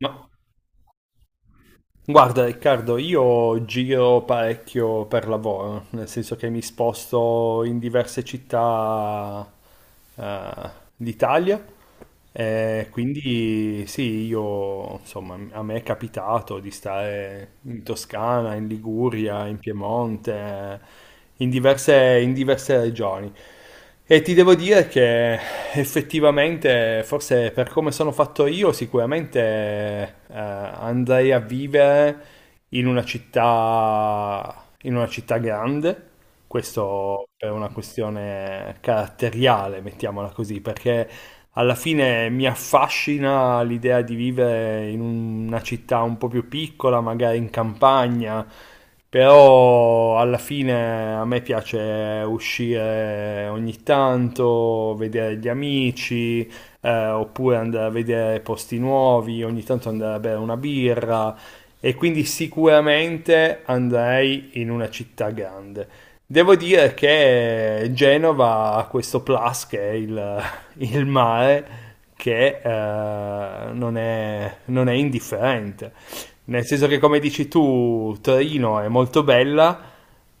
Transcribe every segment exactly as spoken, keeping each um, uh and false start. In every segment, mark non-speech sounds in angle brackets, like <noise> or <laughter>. Ma guarda Riccardo, io giro parecchio per lavoro, nel senso che mi sposto in diverse città eh, d'Italia, eh, quindi sì, io insomma, a me è capitato di stare in Toscana, in Liguria, in Piemonte, in diverse, in diverse regioni. E ti devo dire che effettivamente, forse per come sono fatto io, sicuramente eh, andrei a vivere in una città, in una città grande. Questo è una questione caratteriale, mettiamola così, perché alla fine mi affascina l'idea di vivere in una città un po' più piccola, magari in campagna, però alla fine a me piace uscire ogni tanto, vedere gli amici, eh, oppure andare a vedere posti nuovi, ogni tanto andare a bere una birra e quindi sicuramente andrei in una città grande. Devo dire che Genova ha questo plus che è il, <laughs> il mare che eh, non è, non è indifferente. Nel senso che, come dici tu, Torino è molto bella,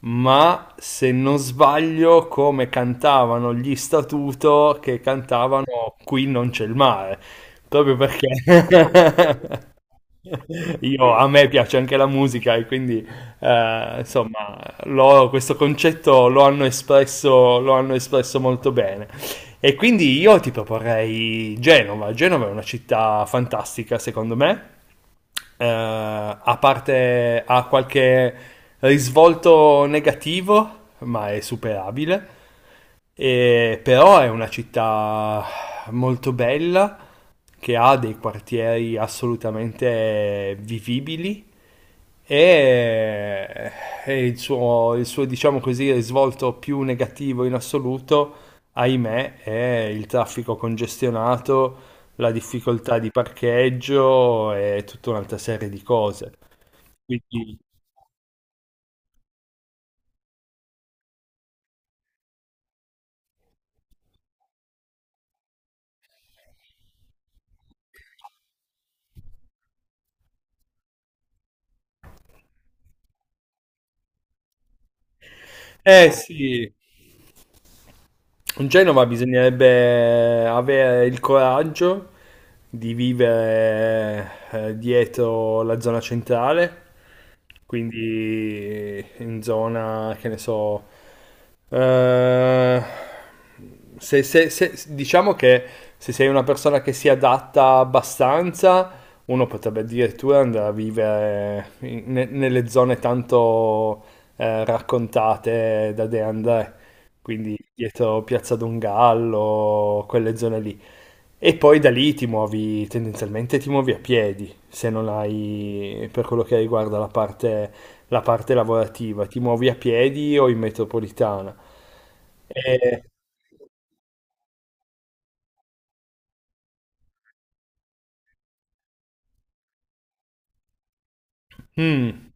ma se non sbaglio, come cantavano gli Statuto che cantavano qui non c'è il mare, proprio perché <laughs> io, a me piace anche la musica e quindi, eh, insomma, lo- questo concetto lo hanno espresso, lo hanno espresso molto bene. E quindi io ti proporrei Genova. Genova è una città fantastica, secondo me. Eh, a parte ha qualche risvolto negativo, ma è superabile. E- però è una città molto bella, che ha dei quartieri assolutamente vivibili e, e il suo, il suo, diciamo così, risvolto più negativo in assoluto, ahimè, è il traffico congestionato, la difficoltà di parcheggio e tutta un'altra serie di cose. Quindi, eh sì, in Genova bisognerebbe avere il coraggio di vivere eh, dietro la zona centrale, quindi in zona, che ne so, eh, se, se- se- diciamo che se sei una persona che si adatta abbastanza, uno potrebbe addirittura andare a vivere in- ne- nelle zone tanto eh, raccontate da De André, quindi dietro Piazza Dongallo, quelle zone lì. E poi da lì ti muovi, tendenzialmente ti muovi a piedi, se non hai, per quello che riguarda la parte, la parte lavorativa, ti muovi a piedi o in metropolitana. E- Mm.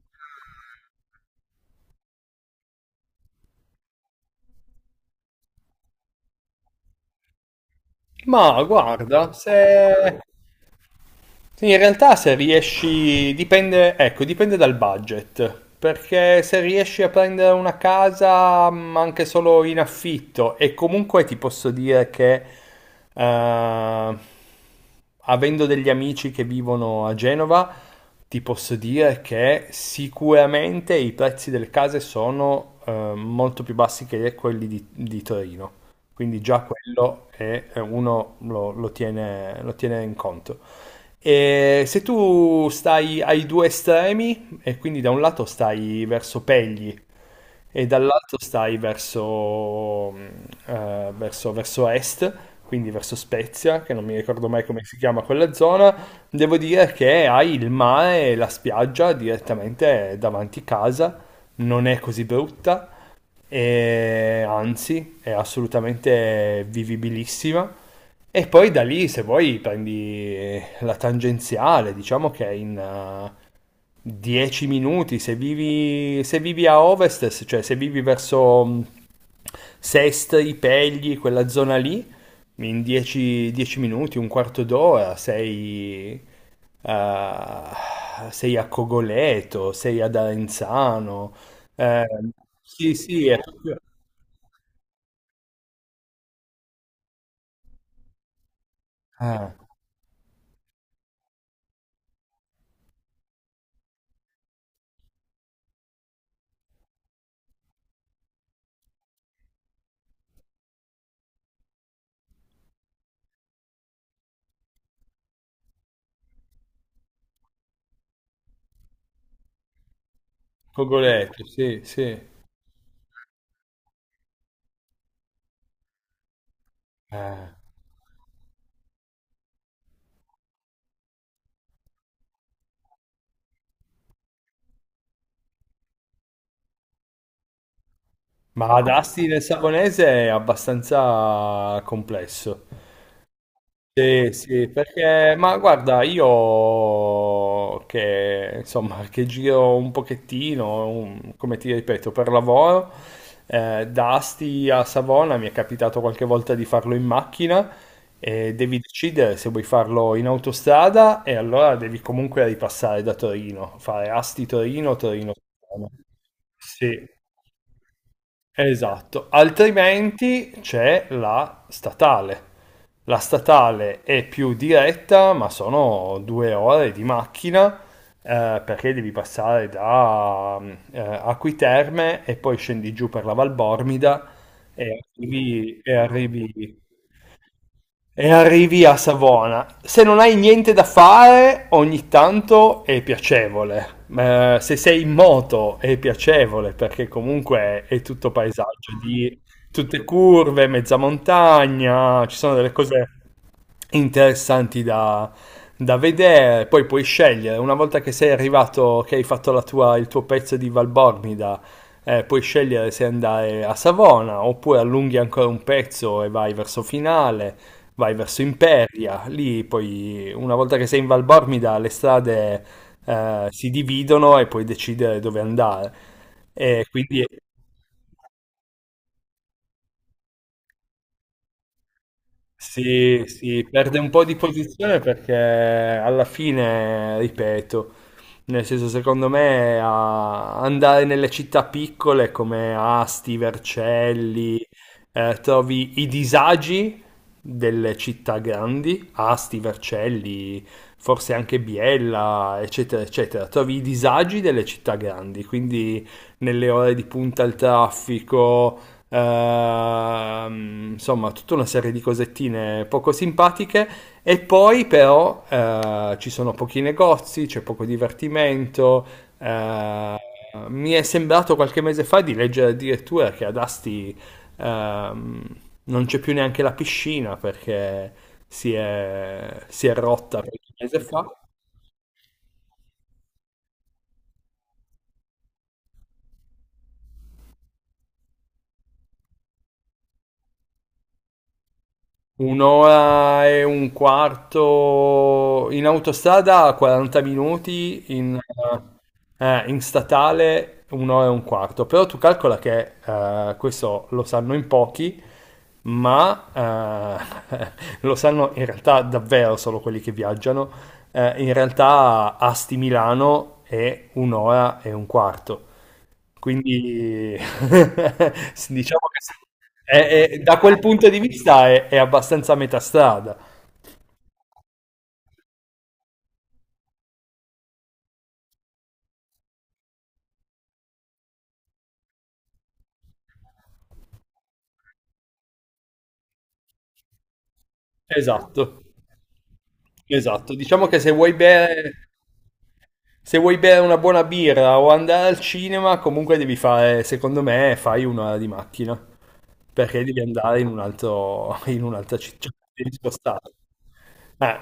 Ma guarda, se... sì, in realtà se riesci, dipende, ecco, dipende dal budget, perché se riesci a prendere una casa mh, anche solo in affitto e comunque ti posso dire che eh, avendo degli amici che vivono a Genova, ti posso dire che sicuramente i prezzi delle case sono eh, molto più bassi che quelli di, di Torino. Quindi già quello è, eh, uno lo, lo tiene, lo tiene in conto. E se tu stai ai due estremi, e quindi da un lato stai verso Pegli, e dall'altro stai verso, mh, eh, verso- verso est, quindi verso Spezia, che non mi ricordo mai come si chiama quella zona. Devo dire che hai il mare e la spiaggia direttamente davanti casa, non è così brutta, e anzi è assolutamente vivibilissima. E poi da lì, se vuoi, prendi la tangenziale, diciamo che è in, eh, dieci minuti, se vivi, se vivi a ovest, se- cioè se vivi verso mh, Sest, i Pegli, quella zona lì, in dieci dieci minuti, un quarto d'ora sei, eh, sei a Cogoleto, sei ad Arenzano. Eh, sì, sì, è proprio... ah, Cogoleto, sì, sì. Eh. Ma ad Asti nel Savonese è abbastanza complesso. Sì, sì, perché, ma guarda, io che insomma, che giro un pochettino, un- come ti ripeto, per lavoro, eh, da Asti a Savona mi è capitato qualche volta di farlo in macchina e devi decidere se vuoi farlo in autostrada e allora devi comunque ripassare da Torino, fare Asti-Torino, Torino-Savona. Sì. Esatto, altrimenti c'è la statale. La statale è più diretta, ma sono due ore di macchina eh, perché devi passare da mm, eh, Acquiterme e poi scendi giù per la Valbormida e arrivi, e arrivi e arrivi a Savona. Se non hai niente da fare, ogni tanto è piacevole. Eh, se sei in moto è piacevole perché comunque è tutto paesaggio di tutte curve, mezza montagna, ci sono delle cose interessanti da, da vedere. Poi puoi scegliere, una volta che sei arrivato, che hai fatto la tua- il tuo pezzo di Valbormida, eh, puoi scegliere se andare a Savona oppure allunghi ancora un pezzo e vai verso finale, vai verso Imperia, lì poi una volta che sei in Val Bormida le strade eh, si dividono e puoi decidere dove andare. E quindi sì, sì, perde un po' di posizione perché alla fine, ripeto, nel senso secondo me a- andare nelle città piccole come Asti, Vercelli, eh, trovi i disagi delle città grandi, Asti, Vercelli, forse anche Biella, eccetera, eccetera, trovi i disagi delle città grandi, quindi nelle ore di punta al traffico. Ehm, insomma, tutta una serie di cosettine poco simpatiche. E poi, però, eh, ci sono pochi negozi, c'è poco divertimento. eh, Mi è sembrato qualche mese fa di leggere addirittura che ad Asti ehm, non c'è più neanche la piscina perché si è, si è rotta qualche mese fa. Un'ora e un quarto in autostrada, quaranta minuti, in, eh, in statale un'ora e un quarto. Però tu calcola che eh, questo lo sanno in pochi, ma eh, <laughs> lo sanno in realtà davvero solo quelli che viaggiano. Eh, in realtà Asti Milano è un'ora e un quarto. Quindi <laughs> diciamo che s- è- è- da quel punto di vista è, è abbastanza a metà strada. Esatto, esatto. Diciamo che se vuoi bere, se vuoi bere una buona birra o andare al cinema, comunque devi fare, secondo me, fai un'ora di macchina, perché devi andare in un altro, in un'altra città, cioè, devi spostarti. Eh,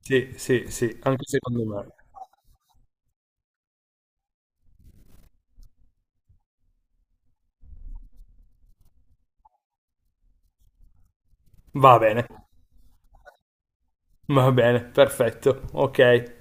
sì, sì, sì, anche secondo me. Va bene, va bene, perfetto, ok.